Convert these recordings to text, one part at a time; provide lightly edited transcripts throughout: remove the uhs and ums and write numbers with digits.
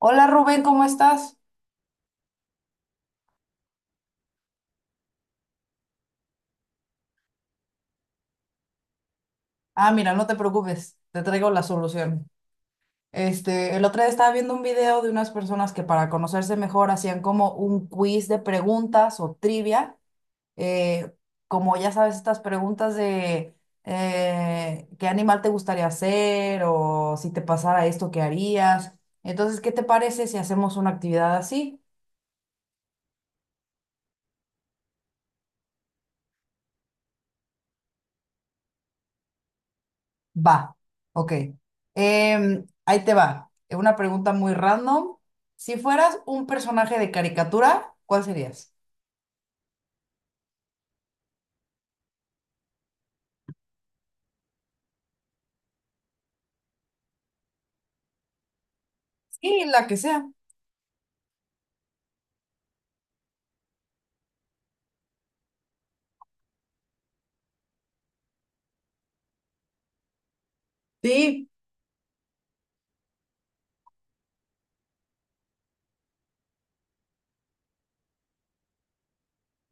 Hola Rubén, ¿cómo estás? Ah, mira, no te preocupes, te traigo la solución. El otro día estaba viendo un video de unas personas que para conocerse mejor hacían como un quiz de preguntas o trivia, eh, como ya sabes, estas preguntas de qué animal te gustaría ser o si te pasara esto, ¿qué harías? Entonces, ¿qué te parece si hacemos una actividad así? Va, ok. Ahí te va. Una pregunta muy random. Si fueras un personaje de caricatura, ¿cuál serías? Sí, la que sea. Sí.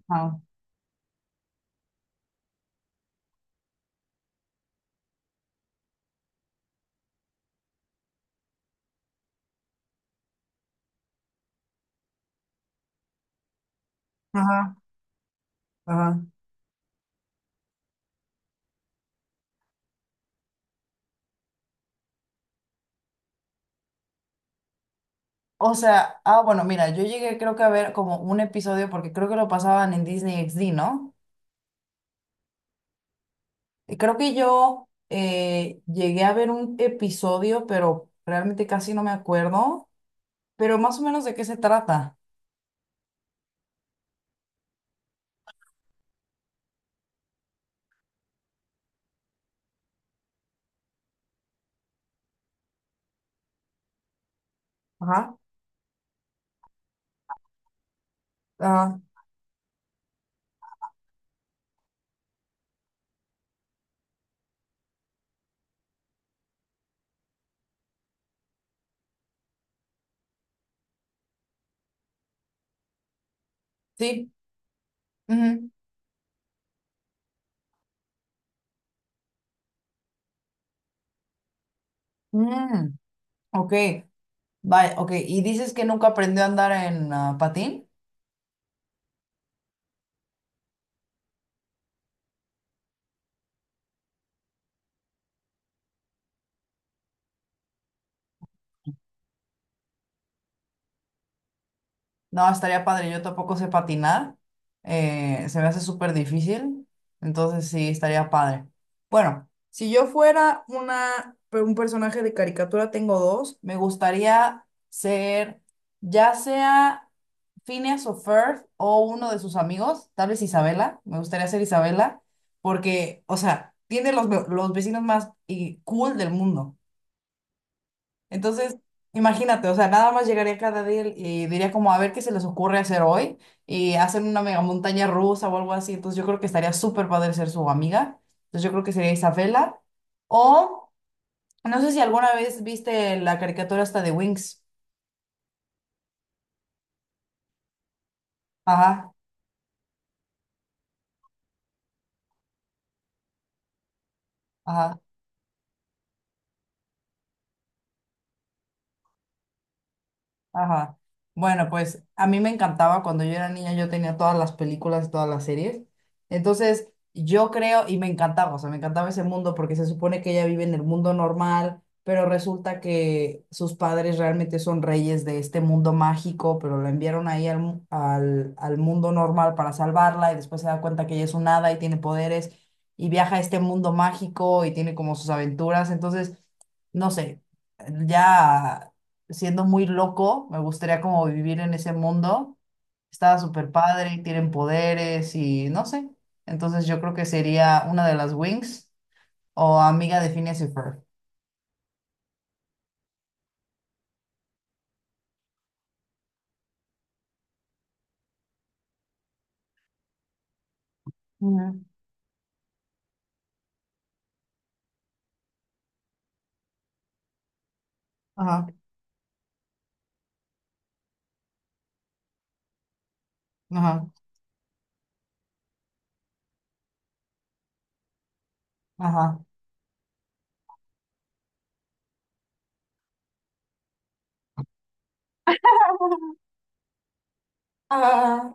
Ah, ajá, ajá. O sea, ah, bueno, mira, yo llegué creo que a ver como un episodio porque creo que lo pasaban en Disney XD, ¿no? Y creo que yo llegué a ver un episodio, pero realmente casi no me acuerdo, pero más o menos de qué se trata. Ajá, ajá. Sí, ujú. Mm. Ok, vaya, ok. ¿Y dices que nunca aprendió a andar en ah, patín? No, estaría padre, yo tampoco sé patinar. Se me hace súper difícil, entonces sí, estaría padre. Bueno, si yo fuera una, un personaje de caricatura, tengo dos. Me gustaría ser, ya sea Phineas o Ferb o uno de sus amigos, tal vez Isabela, me gustaría ser Isabela, porque, o sea, tiene los, los vecinos más y cool del mundo. Entonces, imagínate, o sea, nada más llegaría cada día y diría como a ver qué se les ocurre hacer hoy y hacen una mega montaña rusa o algo así. Entonces, yo creo que estaría súper padre ser su amiga. Entonces, yo creo que sería Isabela. O no sé si alguna vez viste la caricatura hasta de Wings. Ajá, ajá. Ajá. Bueno, pues a mí me encantaba cuando yo era niña, yo tenía todas las películas, todas las series. Entonces, yo creo y me encantaba, o sea, me encantaba ese mundo porque se supone que ella vive en el mundo normal, pero resulta que sus padres realmente son reyes de este mundo mágico, pero la enviaron ahí al, al, al mundo normal para salvarla y después se da cuenta que ella es un hada y tiene poderes y viaja a este mundo mágico y tiene como sus aventuras. Entonces, no sé, ya siendo muy loco, me gustaría como vivir en ese mundo. Estaba súper padre, y tienen poderes y no sé. Entonces yo creo que sería una de las Wings o amiga de Phineas y Ferb. Ujú. Ajá, ajá, ajá, ah,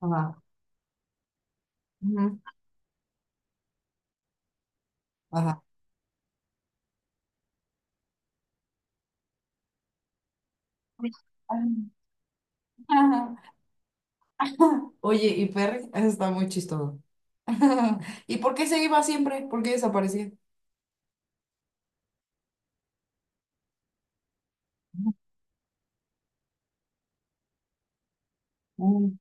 ajá, ujú, ajá. Ajá. Oye, y Perry, eso está muy chistoso. ¿Y por qué se iba siempre? ¿Por qué desaparecía? Mm,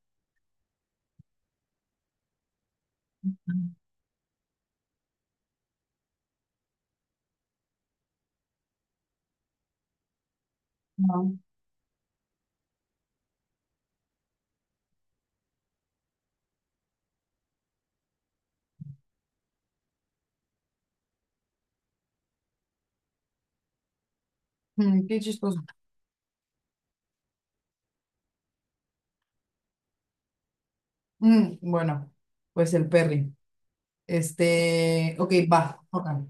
ajá. Mm, qué chistoso. Mm, bueno, pues el Perry. Ok, va, Jorge.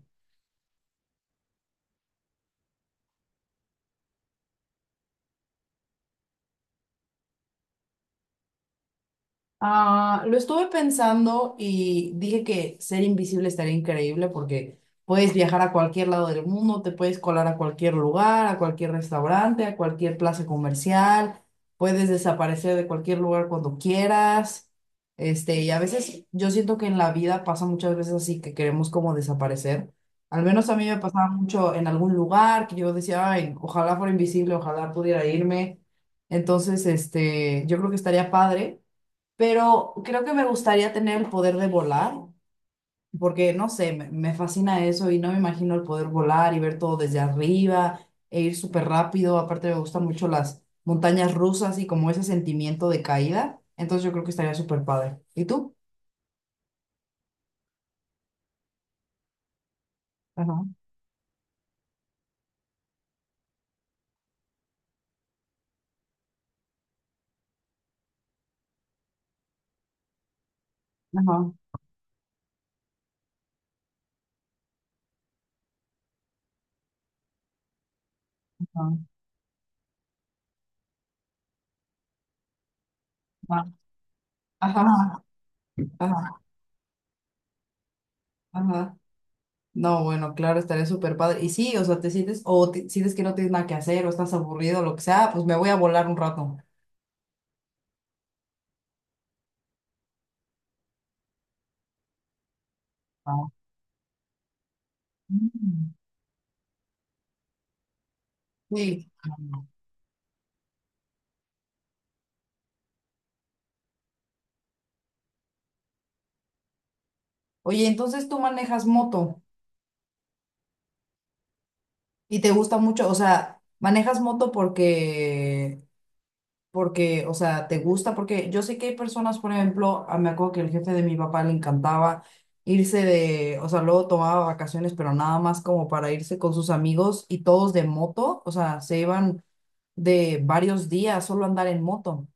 Ah, lo estuve pensando y dije que ser invisible estaría increíble porque puedes viajar a cualquier lado del mundo, te puedes colar a cualquier lugar, a cualquier restaurante, a cualquier plaza comercial, puedes desaparecer de cualquier lugar cuando quieras. Y a veces yo siento que en la vida pasa muchas veces así que queremos como desaparecer. Al menos a mí me pasaba mucho en algún lugar que yo decía, ay, ojalá fuera invisible, ojalá pudiera irme. Entonces, yo creo que estaría padre. Pero creo que me gustaría tener el poder de volar, porque no sé, me fascina eso y no me imagino el poder volar y ver todo desde arriba e ir súper rápido. Aparte me gustan mucho las montañas rusas y como ese sentimiento de caída. Entonces yo creo que estaría súper padre. ¿Y tú? Ajá, ajá, ajá, ajá, ajá, ajá, ajá. No, bueno, claro, estaría súper padre. Y sí, o sea, te sientes, o sientes que no tienes nada que hacer, o estás aburrido, lo que sea, pues me voy a volar un rato. Ah. Mm. Sí. Oye, entonces tú manejas moto y te gusta mucho, o sea, manejas moto porque, o sea, te gusta, porque yo sé que hay personas, por ejemplo, ah, me acuerdo que el jefe de mi papá le encantaba irse de, o sea, luego tomaba vacaciones, pero nada más como para irse con sus amigos y todos de moto, o sea, se iban de varios días solo a andar en moto.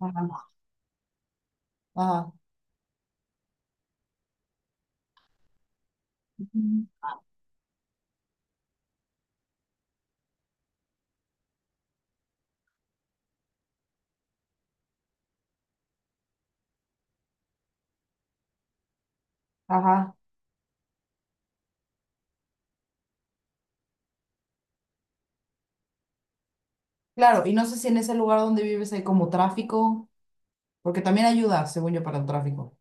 Ajá, ajá, ujú, ajá. Claro, y no sé si en ese lugar donde vives hay como tráfico, porque también ayuda, según yo, para el tráfico.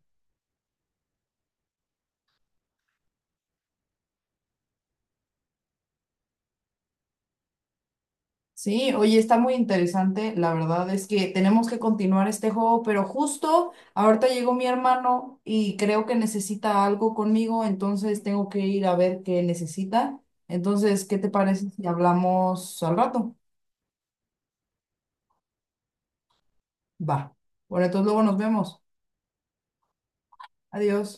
Sí, oye, está muy interesante. La verdad es que tenemos que continuar este juego, pero justo ahorita llegó mi hermano y creo que necesita algo conmigo, entonces tengo que ir a ver qué necesita. Entonces, ¿qué te parece si hablamos al rato? Va. Bueno, entonces luego nos vemos. Adiós.